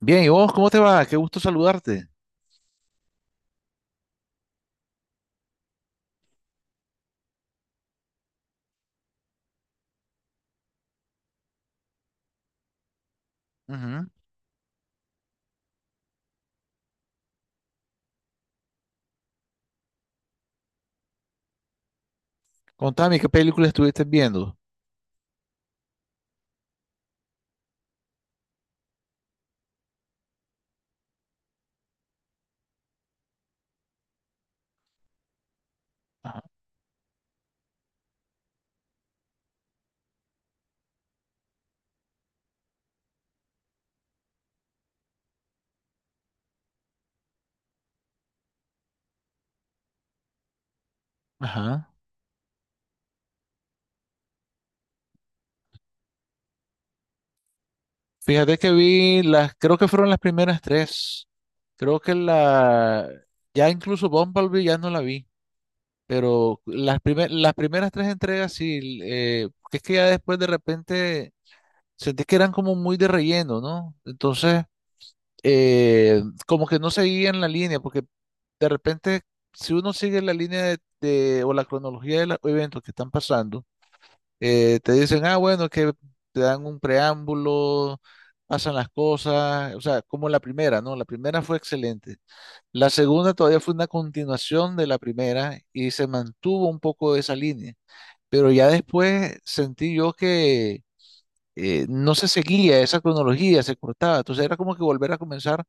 Bien, ¿y vos cómo te va? Qué gusto saludarte. Ujú. Contame, ¿qué película estuviste viendo? Ajá. Ajá. Fíjate que vi las, creo que fueron las primeras tres. Creo que la, ya incluso Bumblebee ya no la vi, pero las primeras tres entregas sí, porque es que ya después de repente sentí que eran como muy de relleno, ¿no? Entonces, como que no seguían la línea, porque de repente, si uno sigue la línea o la cronología de los eventos que están pasando, te dicen, ah, bueno, que te dan un preámbulo, pasan las cosas, o sea, como la primera, ¿no? La primera fue excelente. La segunda todavía fue una continuación de la primera y se mantuvo un poco esa línea, pero ya después sentí yo no se seguía esa cronología, se cortaba. Entonces era como que volver a comenzar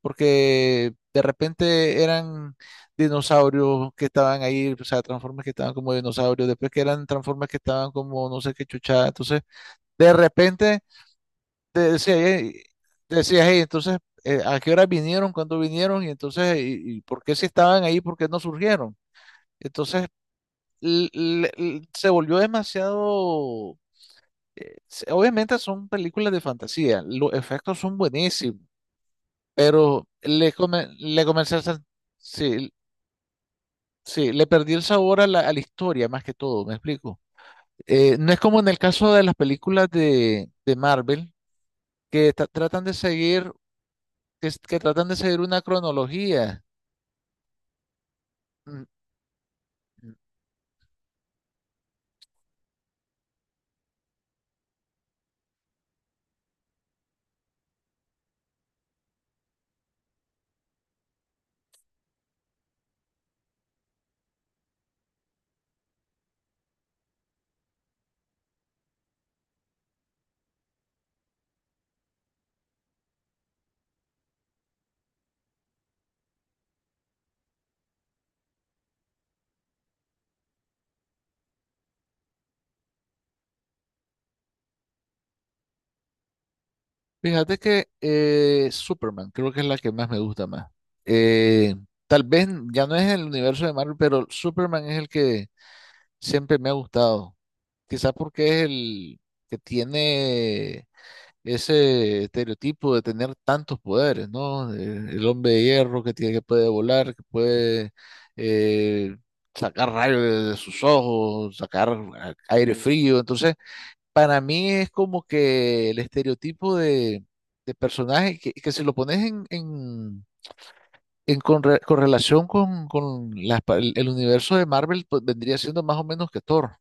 porque de repente eran dinosaurios que estaban ahí, o sea, transformes que estaban como dinosaurios, después que eran transformes que estaban como no sé qué chuchada. Entonces, de repente te decía, "Ey", te decías, "Ey, entonces, ¿a qué hora vinieron? ¿Cuándo vinieron? Y entonces, y por qué si estaban ahí? ¿Por qué no surgieron? Entonces, se volvió demasiado obviamente son películas de fantasía, los efectos son buenísimos, pero le comencé a sen- sí, sí, le perdí el sabor a la historia más que todo, ¿me explico? No es como en el caso de las películas de Marvel, que tratan de seguir, que tratan de seguir una cronología. Mm, mm. Fíjate que Superman creo que es la que más me gusta más. Eh, Tal vez ya no es el universo de Marvel, pero Superman es el que siempre me ha gustado. Quizás porque es el que tiene ese estereotipo de tener tantos poderes, ¿no? El hombre de hierro que tiene, que puede volar, que puede eh, sacar rayos de sus ojos, sacar aire, sí, frío. Entonces, para mí es como que el estereotipo de personaje que si lo pones en correlación con el universo de Marvel, pues vendría siendo más o menos que Thor,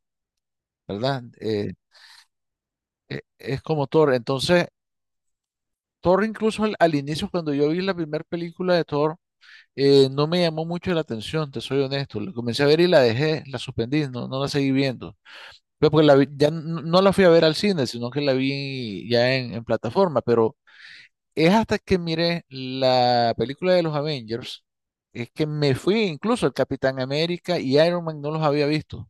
¿verdad? Es como Thor. Entonces, Thor incluso al inicio, cuando yo vi la primera película de Thor, no me llamó mucho la atención, te soy honesto. La comencé a ver y la dejé, la suspendí, no, no la seguí viendo. Pero porque ya no la fui a ver al cine, sino que la vi ya en plataforma. Pero es hasta que miré la película de los Avengers, es que me fui incluso el Capitán América y Iron Man no los había visto.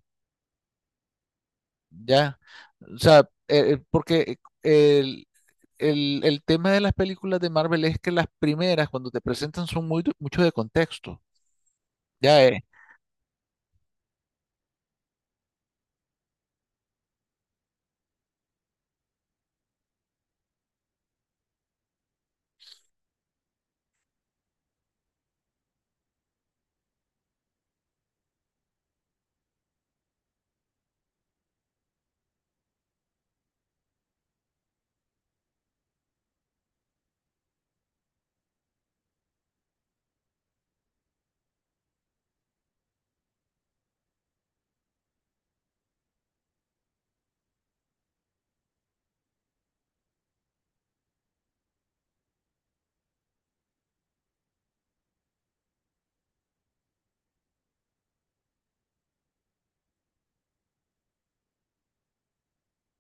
Ya, o sea, porque el tema de las películas de Marvel es que las primeras, cuando te presentan, son mucho de contexto. Ya,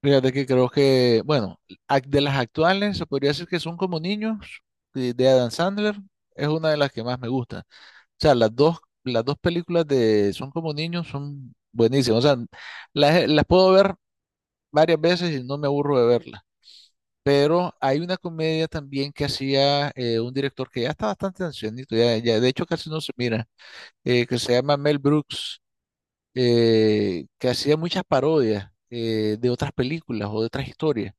fíjate que creo que, bueno, de las actuales, se podría decir que son como niños, de Adam Sandler, es una de las que más me gusta. O sea, las dos películas de Son como niños son buenísimas. O sea, las puedo ver varias veces y no me aburro de verlas. Pero hay una comedia también que hacía un director que ya está bastante ancianito, ya de hecho casi no se mira que se llama Mel Brooks, que hacía muchas parodias de otras películas o de otras historias.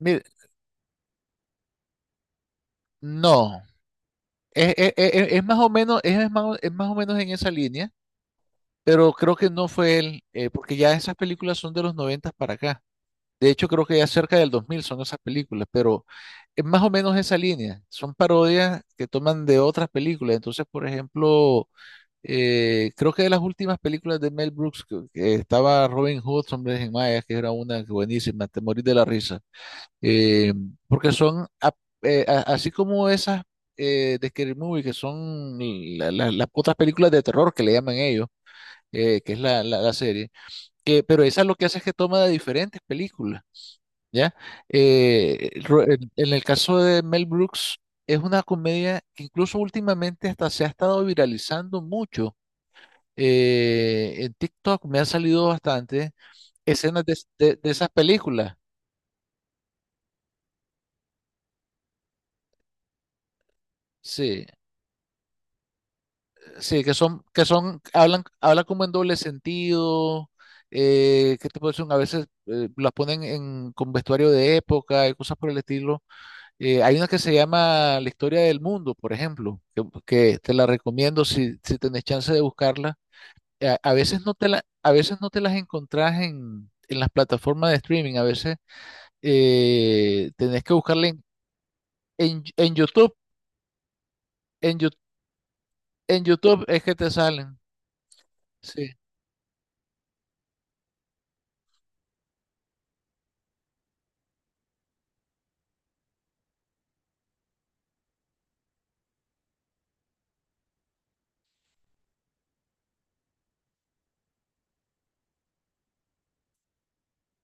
Mire, no, es más o menos, es más, es más o menos en esa línea, pero creo que no fue él, porque ya esas películas son de los 90 para acá. De hecho, creo que ya cerca del 2000 son esas películas, pero es más o menos esa línea. Son parodias que toman de otras películas. Entonces, por ejemplo, creo que de las últimas películas de Mel Brooks, que estaba Robin Hood, Hombres en Mayas, que era una buenísima, te morís de la risa. Eh, porque son, así como esas de Scary Movie, que son las otras películas de terror que le llaman ellos, que es la serie, pero esa lo que hace es que toma de diferentes películas, ¿ya? En el caso de Mel Brooks, es una comedia que incluso últimamente hasta se ha estado viralizando mucho en TikTok me ha salido bastante escenas de esas películas. Sí, sí, hablan como en doble sentido. ¿Qué te puedo decir? A veces las ponen con vestuario de época y cosas por el estilo. Hay una que se llama La historia del mundo, por ejemplo, que te la recomiendo si tenés chance de buscarla. A veces no te la, a veces no te las encontrás en las plataformas de streaming, a veces tenés que buscarla en YouTube. En, Yu- en YouTube es que te salen. Sí.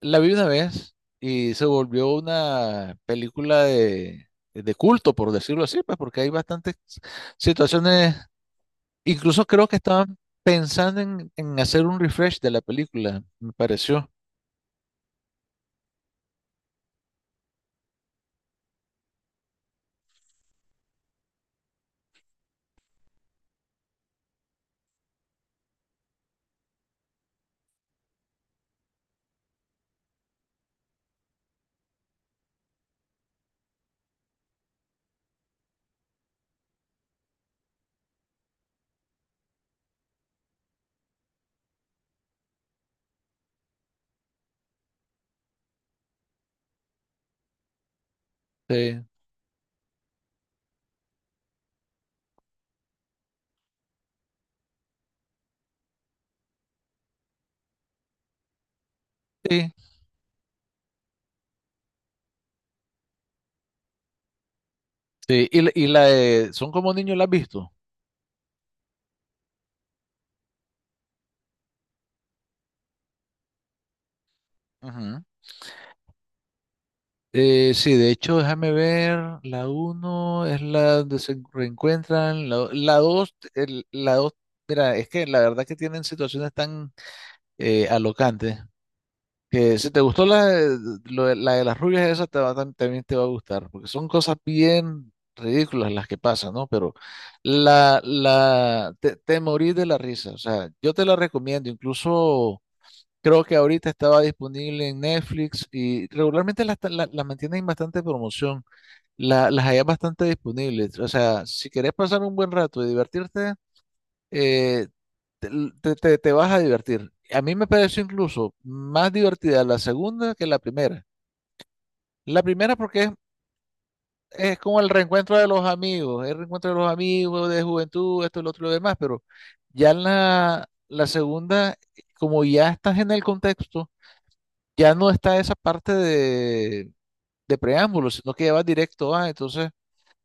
La vi una vez y se volvió una película de culto, por decirlo así, pues porque hay bastantes situaciones. Incluso creo que estaban pensando en hacer un refresh de la película, me pareció. Sí, sí, sí. Y, la de Son como niños, ¿la has visto? Ujú. Sí, de hecho, déjame ver, la uno es la donde se reencuentran, la 2. La 2, mira, es que la verdad que tienen situaciones tan alocantes, que si te gustó la de las rubias, esa te va también te va a gustar, porque son cosas bien ridículas las que pasan, ¿no? Pero te morís de la risa, o sea, yo te la recomiendo, incluso. Creo que ahorita estaba disponible en Netflix y regularmente las mantienen en bastante promoción, las hay bastante disponibles. O sea, si querés pasar un buen rato y divertirte, eh, te, te vas a divertir. A mí me pareció incluso más divertida la segunda que la primera. La primera porque es como el reencuentro de los amigos, el reencuentro de los amigos, de juventud, esto, lo otro y lo demás, pero ya en la segunda, como ya estás en el contexto ya no está esa parte de preámbulos, sino que ya vas directo a, entonces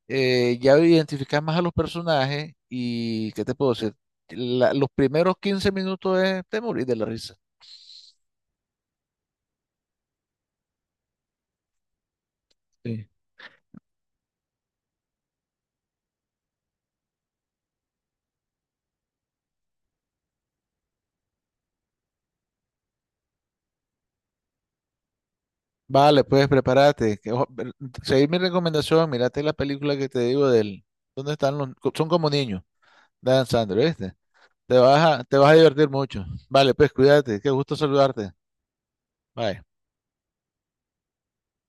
ya identificas más a los personajes y, ¿qué te puedo decir? Los primeros 15 minutos es te morís de la risa. Sí. Vale, pues prepárate, seguí mi recomendación, mírate la película que te digo del. ¿Dónde están los? Son como niños, Dan Sandler, ¿viste? Te vas a divertir mucho. Vale, pues cuídate, qué gusto saludarte. Bye.